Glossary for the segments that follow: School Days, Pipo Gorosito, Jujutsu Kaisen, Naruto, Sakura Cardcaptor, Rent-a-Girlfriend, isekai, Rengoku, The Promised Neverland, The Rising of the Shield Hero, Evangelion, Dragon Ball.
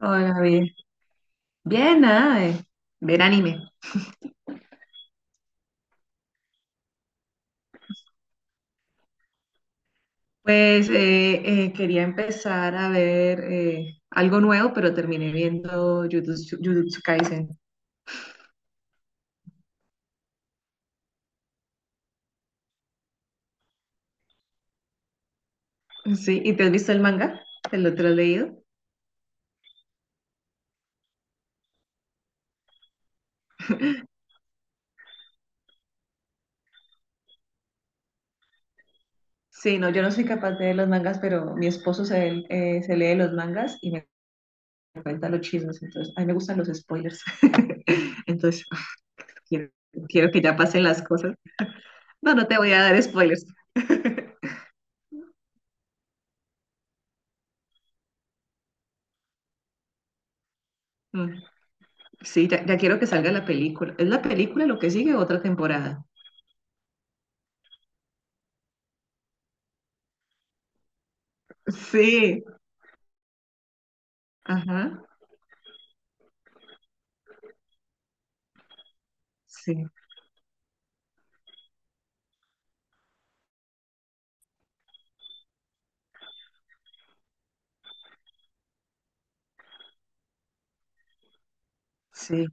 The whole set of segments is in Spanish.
Hola, bien. Bien, nada, de ver anime. Pues quería empezar a ver algo nuevo, pero terminé viendo Jujutsu Kaisen. Sí, ¿y te has visto el manga? Te lo has leído? Sí, no, yo no soy capaz de leer los mangas, pero mi esposo se lee los mangas y me cuenta los chismes, entonces a mí me gustan los spoilers. Entonces, ah, quiero, quiero que ya pasen las cosas. No, no te voy a dar spoilers. Mm. Sí, ya quiero que salga la película. ¿Es la película lo que sigue o otra temporada? Sí, ajá, sí, sí.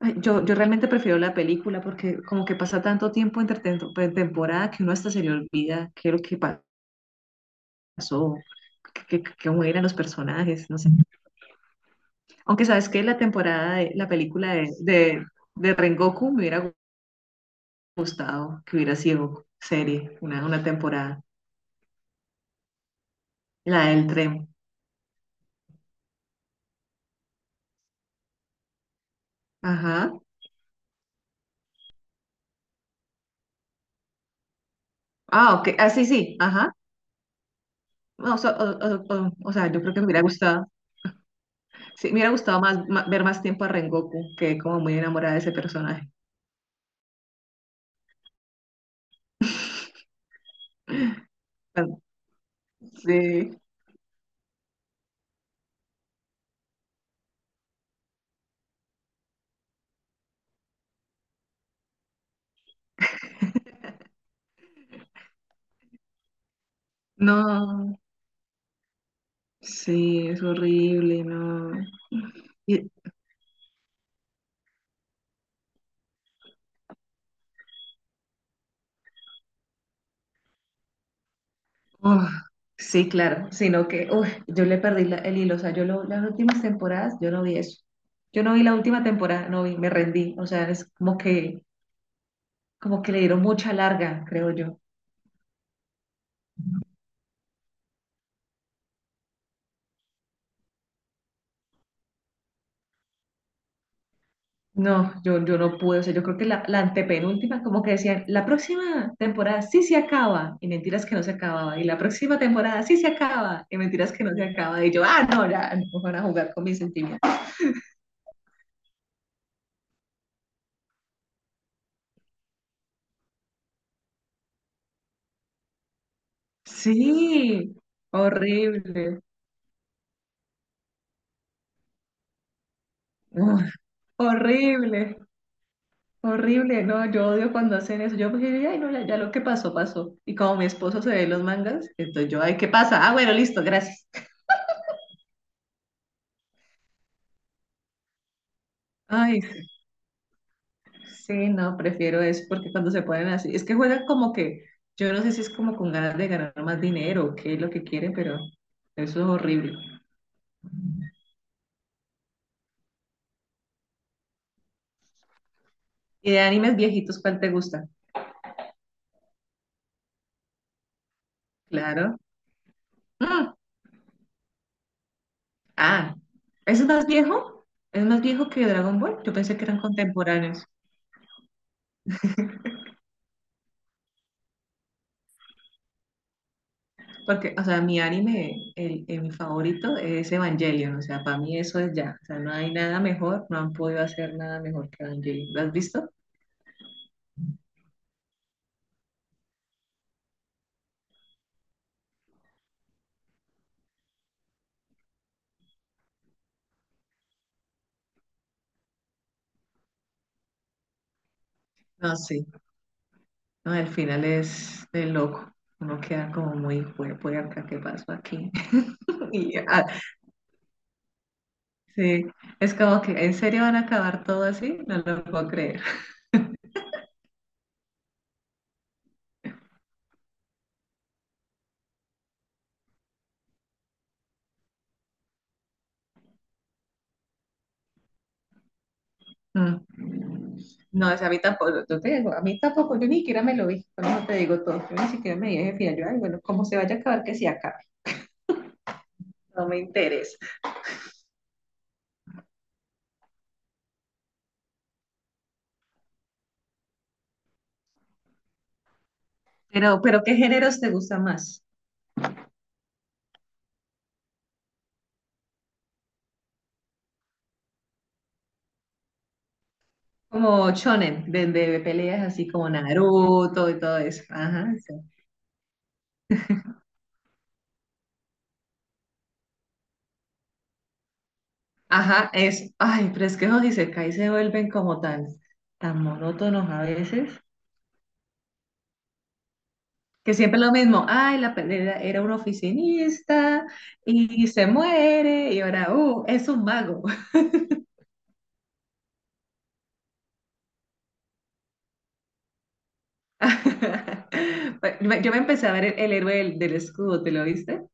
Ay, yo realmente prefiero la película porque como que pasa tanto tiempo entre temporada que uno hasta se le olvida qué es lo que pasó, cómo eran los personajes, no sé. Aunque sabes que la película de Rengoku me hubiera gustado que hubiera sido serie, una temporada, la del tren. Ajá. Ah, ok. Ah, sí, sí. Ajá. No, o sea, yo creo que me hubiera gustado, sí, me hubiera gustado más, ver más tiempo a Rengoku, que como muy enamorada de ese personaje. Ah, sí, no, sí, es horrible, no. Y- uf, sí, claro, sino que uf, yo le perdí el hilo, o sea, las últimas temporadas, yo no vi eso. Yo no vi la última temporada, no vi, me rendí, o sea, es como que le dieron mucha larga, creo yo. No, yo no pude, o sea, yo creo que la antepenúltima, como que decían, la próxima temporada sí se acaba, y mentiras que no se acababa, y la próxima temporada sí se acaba, y mentiras que no se acaba, y yo, ah, no, ya, no van a jugar con mis sentimientos. Sí, horrible. Uf, horrible, horrible, no, yo odio cuando hacen eso, yo pues, diría, ay, no, ya, ya lo que pasó, pasó, y como mi esposo se ve los mangas, entonces yo, ay, ¿qué pasa? Ah, bueno, listo, gracias. Ay, sí. Sí, no, prefiero eso porque cuando se ponen así, es que juegan yo no sé si es como con ganas de ganar más dinero o qué es lo que quieren, pero eso es horrible. ¿Y de animes viejitos cuál te gusta? Claro. Mm, ah, ¿es más viejo? ¿Es más viejo que Dragon Ball? Yo pensé que eran contemporáneos, porque, o sea, mi anime, mi favorito es Evangelion, o sea, para mí eso es ya, o sea, no hay nada mejor, no han podido hacer nada mejor que Evangelion. ¿Lo has visto? No, sí. No, el final es de loco. Uno queda como muy cuerpo y acá, ¿qué pasó aquí? Y, ah, sí, es como que, ¿en serio van a acabar todo así? No lo puedo creer. Mm. No, es a mí tampoco, yo te digo, a mí tampoco, yo ni siquiera me lo vi, por eso te digo todo, yo ni siquiera me dije, final, yo, ay, bueno, como se vaya a acabar, que se acabe, no me interesa. Pero ¿qué géneros te gusta más? Como shonen, de peleas así como Naruto y todo eso. Ajá, sí. Ajá, es, ay, pero es que los isekais se vuelven tan monótonos a veces, que siempre es lo mismo, ay, la pelea era un oficinista y se muere y ahora, es un mago. Yo me empecé a ver el héroe del escudo, ¿te lo viste?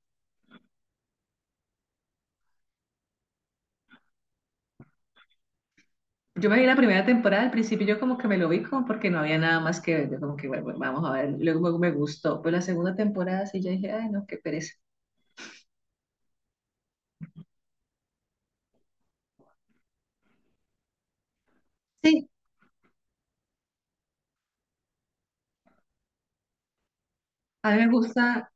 Yo me vi la primera temporada, al principio yo como que me lo vi como porque no había nada más que ver, yo como que bueno, bueno, vamos a ver, luego me gustó, pero la segunda temporada sí ya dije, ay, no, qué pereza. Sí, a mí me gusta,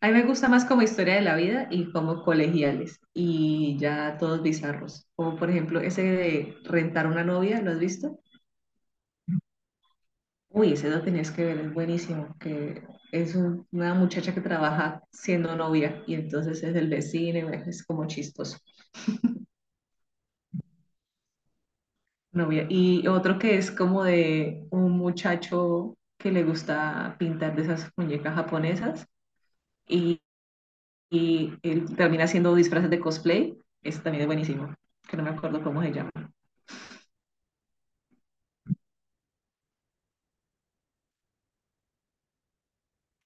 a mí me gusta más como historia de la vida y como colegiales y ya todos bizarros. Como por ejemplo ese de rentar una novia, ¿lo has visto? Uy, ese lo tenías que ver, es buenísimo, que es una muchacha que trabaja siendo novia y entonces es del vecino, y bueno, es como chistoso. Novia. Y otro que es como de un muchacho que le gusta pintar de esas muñecas japonesas y, y él termina haciendo disfraces de cosplay, ese también es buenísimo, que no me acuerdo cómo se llama.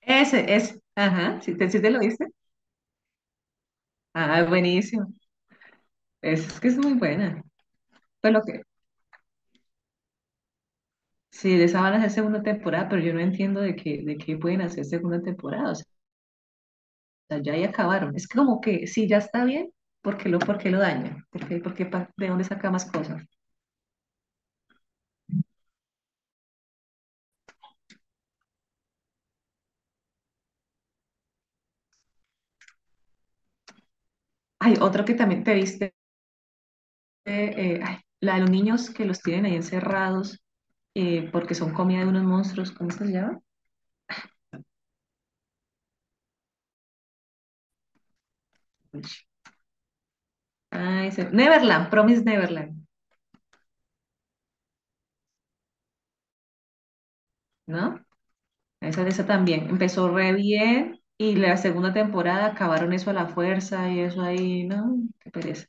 Ese. Ajá, si te, sí te lo dice. Ah, buenísimo. Es que es muy buena. Pues lo que, sí, de esa van a hacer segunda temporada, pero yo no entiendo de qué pueden hacer segunda temporada. O sea, ya ahí acabaron. Es como que si ya está bien, por qué lo dañan? Por qué de dónde saca más cosas? Hay otro que también te viste, ay, la de los niños que los tienen ahí encerrados, porque son comida de unos monstruos. ¿Cómo es que se llama? Ay, Neverland, Promise Neverland, ¿no? Esa también empezó re bien y la segunda temporada acabaron eso a la fuerza y eso ahí, no, qué pereza.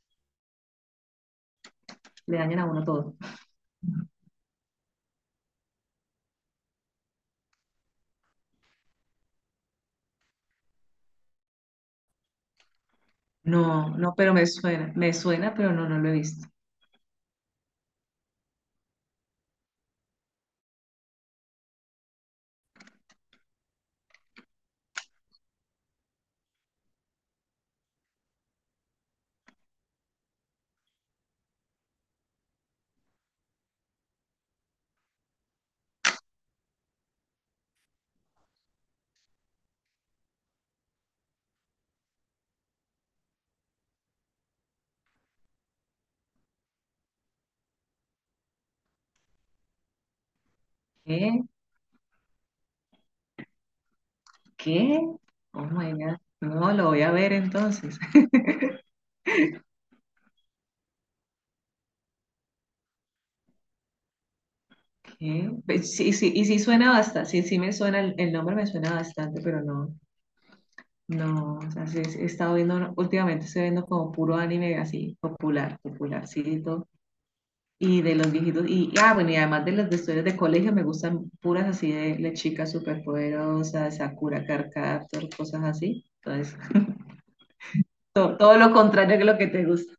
Le dañan a uno todo. No, no, pero me suena, pero no, no lo he visto. ¿Qué? ¿Qué? Oh my God. No, lo voy a ver entonces. ¿Qué? Pe- sí, sí, y sí suena bastante, sí, sí me suena, el nombre me suena bastante, pero no, no, o sea, sí, sí, he estado viendo, últimamente estoy viendo como puro anime así, popular, popularcito. Y de los viejitos, y ah, bueno, y además de las de historias de colegio, me gustan puras así de las chicas superpoderosas Sakura Carcaptor, cosas así. Entonces, todo lo contrario que lo que te gusta.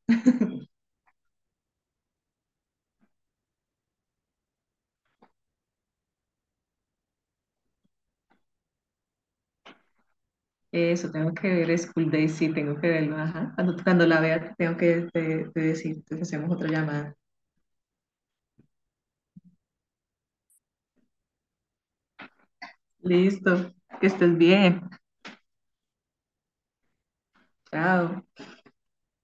Eso, tengo que ver School Days, sí, tengo que verlo, ajá. Cuando la vea, te decir, entonces hacemos otra llamada. Listo, que estés bien. Chao.